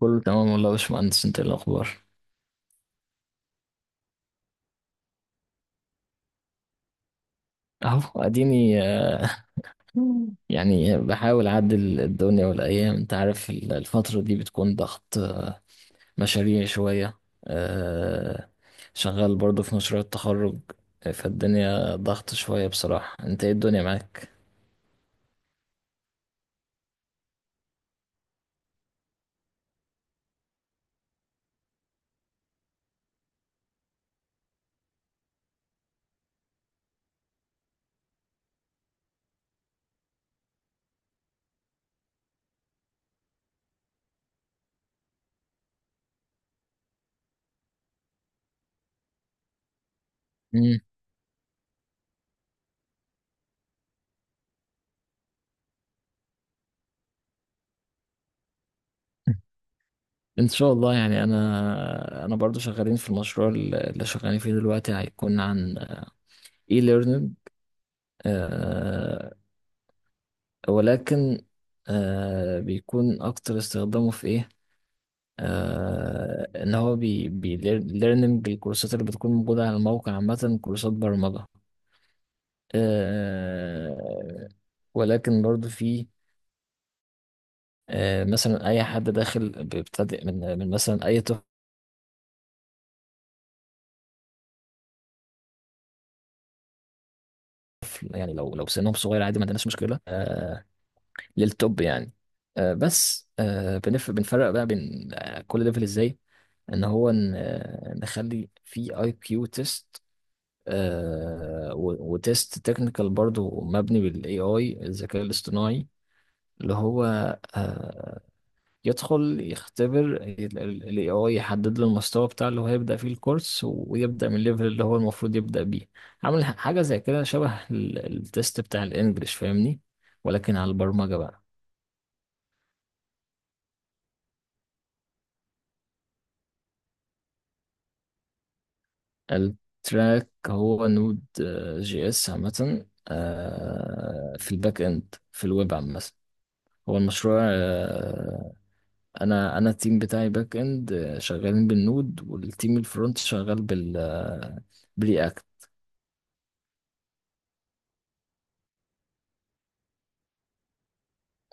كله تمام والله يا باشمهندس، انت ايه الاخبار؟ اهو اديني آه، يعني بحاول اعدل الدنيا والايام. انت عارف الفتره دي بتكون ضغط، مشاريع شويه. آه، شغال برضه في مشروع التخرج. فالدنيا ضغط شويه بصراحه. انت ايه الدنيا معاك؟ مم. ان شاء الله. يعني انا برضو شغالين في المشروع. اللي شغالين فيه دلوقتي هيكون عن اي ليرنينج. ولكن بيكون أكتر استخدامه في إيه؟ آه، إن هو بي ليرنينج الكورسات اللي بتكون موجودة على الموقع، عامة كورسات برمجة. آه. ولكن برضو في مثلا أي حد داخل بيبتدئ، من مثلا أي طفل، يعني لو سنهم صغير، عادي ما عندناش مشكلة. آه، للتوب يعني. بس بنفرق بقى بين كل ليفل إزاي؟ ان هو نخلي في اي كيو تيست، وتيست تكنيكال برضو مبني بالاي اي، الذكاء الاصطناعي اللي هو، آه، يدخل يختبر الاي اي، يحدد له المستوى بتاع اللي هو هيبدأ فيه الكورس، ويبدأ من الليفل اللي هو المفروض يبدأ بيه. عامل حاجة زي كده، شبه التيست بتاع الانجليش فاهمني، ولكن على البرمجة بقى. التراك هو نود جي اس عامة، آه، في الباك اند، في الويب عامة. هو المشروع، آه، انا التيم بتاعي باك اند، آه، شغالين بالنود، والتيم الفرونت شغال بال، آه، برياكت.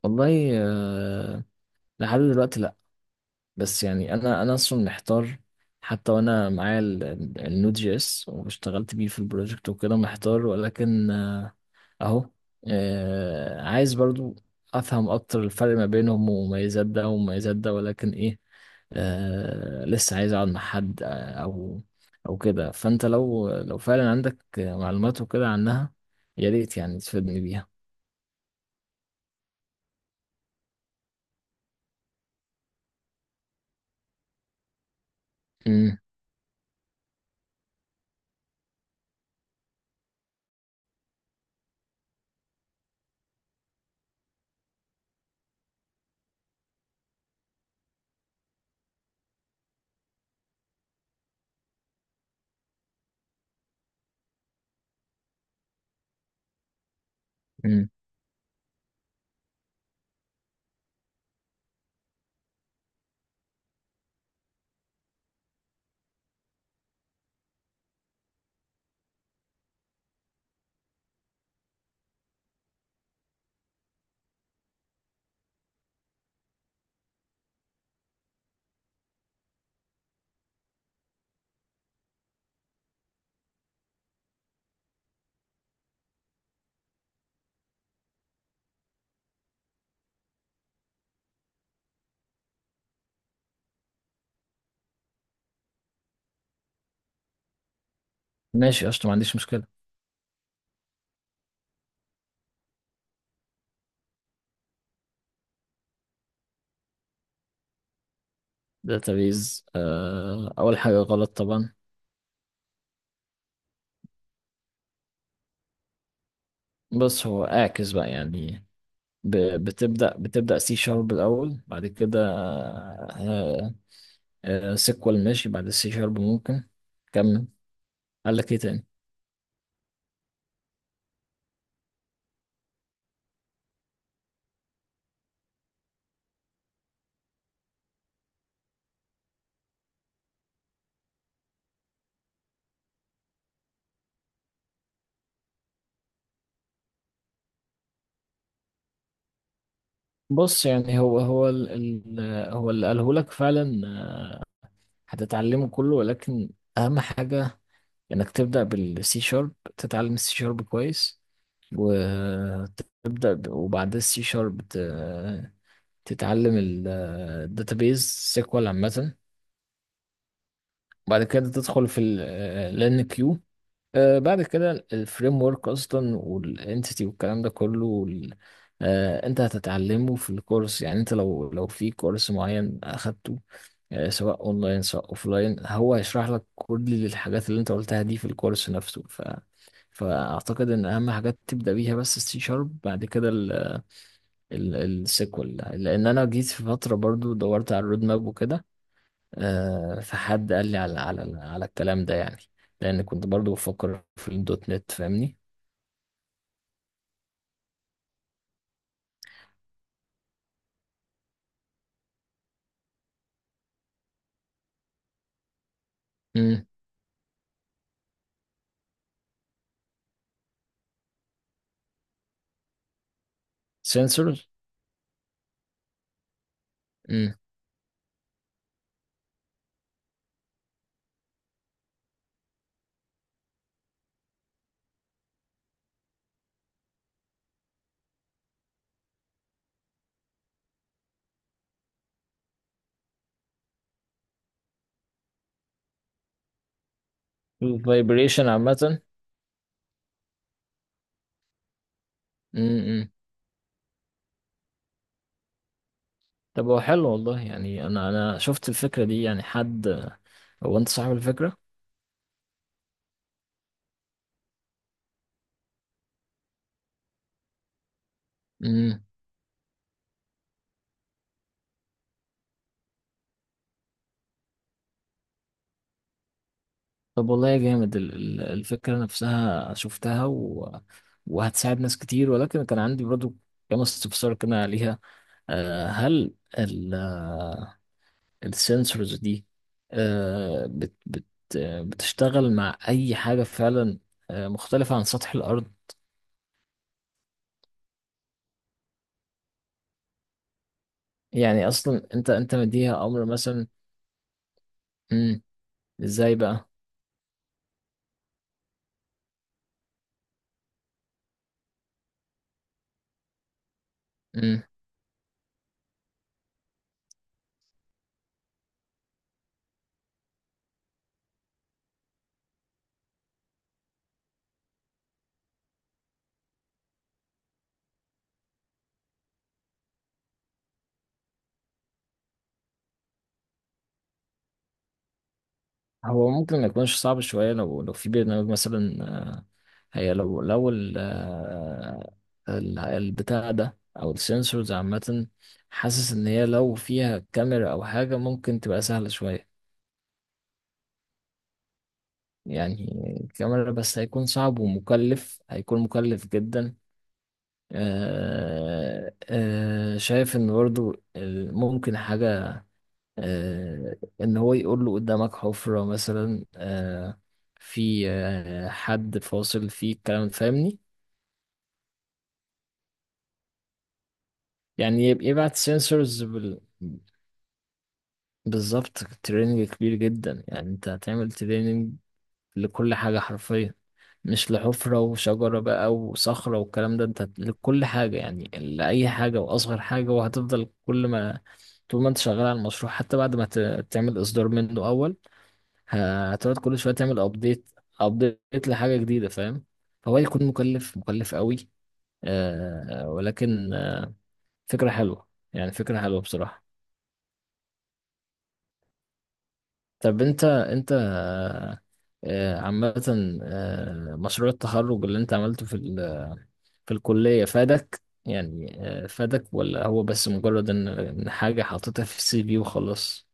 والله آه، لحد دلوقتي لا. بس يعني انا اصلا محتار، حتى وانا معايا النود جي اس واشتغلت بيه في البروجكت وكده، محتار. ولكن آه، اهو، آه، عايز برضو افهم اكتر الفرق ما بينهم، ومميزات ده ومميزات ده. ولكن ايه، آه، لسه عايز اقعد مع حد او كده. فانت لو فعلا عندك معلومات وكده عنها، يا ريت يعني تفيدني بيها. امم. امم. ماشي قشطة، ما عنديش مشكلة. داتابيز؟ آه، اول حاجة غلط طبعا. بص، هو اعكس بقى يعني. ب- بتبدأ سي شارب الاول، بعد كده آه، آه، سيكوال. ماشي، بعد السي شارب ممكن كمل، قال لك ايه تاني؟ بص، يعني هو هو ال ال هو اللي قاله لك فعلا آه، هتتعلمه كله. ولكن اهم حاجه انك تبدا بالسي شارب، تتعلم السي شارب كويس. وتبدا وبعد السي شارب تتعلم الداتابيز سيكوال عامه. بعد كده تدخل في الان كيو، آه، بعد كده الفريم ورك اصلا، والانتيتي والكلام ده كله، انت هتتعلمه في الكورس. يعني انت لو في كورس معين اخدته، آه، سواء اونلاين سواء اوفلاين، هو هيشرح لك كل الحاجات اللي انت قلتها دي في الكورس نفسه. فاعتقد ان اهم حاجات تبدا بيها بس السي شارب، بعد كده السيكوال. لان انا جيت في فتره برضو دورت على الرود ماب وكده، آه، فحد قال لي على على الكلام ده يعني، لان كنت برضو بفكر في الدوت نت، فاهمني. امم. سنسورز. امم. فايبريشن عامه. امم. طب هو حلو والله. يعني انا شفت الفكره دي، يعني حد، هو انت صاحب الفكره؟ امم. طب والله جامد، الفكره نفسها شفتها وهتساعد ناس كتير. ولكن كان عندي برضو كام استفسار كده عليها. آه، هل السنسورز دي، آه، بت بت آه، بتشتغل مع اي حاجه فعلا آه، مختلفه عن سطح الارض؟ يعني اصلا انت مديها امر مثلا؟ مم. ازاي بقى؟ مم. هو ممكن ما يكونش صعب شويه لو في برنامج مثلا، آه، هي لو البتاع ده او السنسورز عامه، حاسس ان هي لو فيها كاميرا او حاجه، ممكن تبقى سهله شويه. يعني الكاميرا بس هيكون صعب ومكلف، هيكون مكلف جدا. آه، شايف ان برضو ممكن حاجة، آه، ان هو يقول له قدامك حفرة مثلا، آه، في آه حد فاصل في الكلام، فاهمني. يعني يبعت سensors بالظبط. تريننج كبير جدا، يعني انت هتعمل تريننج لكل حاجة حرفيا، مش لحفرة وشجرة بقى وصخرة والكلام ده، انت لكل حاجة، يعني لأي حاجة وأصغر حاجة. وهتفضل كل ما، طول ما انت شغال على المشروع، حتى بعد ما تعمل إصدار منه أول، هتقعد كل شوية تعمل أبديت، أبديت لحاجة جديدة، فاهم. فهو يكون مكلف، مكلف قوي. آه، ولكن آه، فكرة حلوة، يعني فكرة حلوة بصراحة. طب انت عامة، آه، مشروع التخرج اللي انت عملته في في الكلية فادك يعني؟ آه، فادك ولا هو بس مجرد ان إن حاجة حاططها في السي في وخلاص؟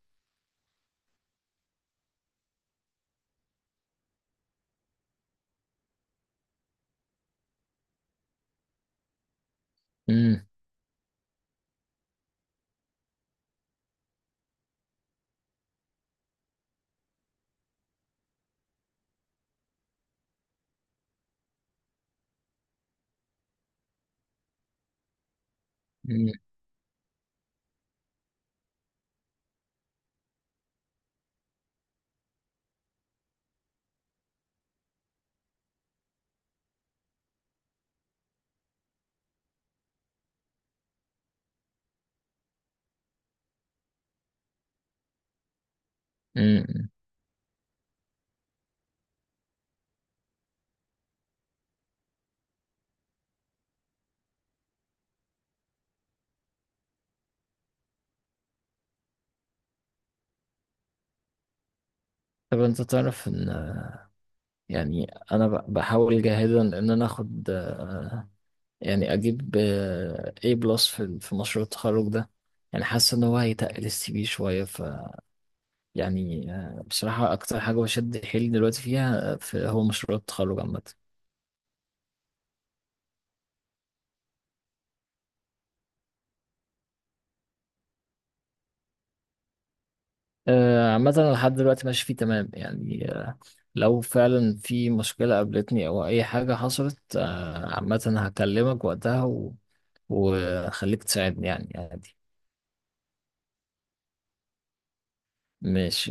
امم. امم. امم. طب انت تعرف ان، يعني انا بحاول جاهدا ان انا اخد آه، يعني اجيب آه، A بلس في في مشروع التخرج ده. يعني حاسس ان هو هيتقل السي في شوية. يعني آه، بصراحة أكتر حاجة بشد حيلي دلوقتي فيها آه، في هو مشروع التخرج عامة. آه، عامة أنا لحد دلوقتي ماشي فيه تمام يعني آه، لو فعلا في مشكلة قابلتني أو أي حاجة حصلت آه، عامة هكلمك وقتها وخليك تساعدني يعني عادي. ماشي.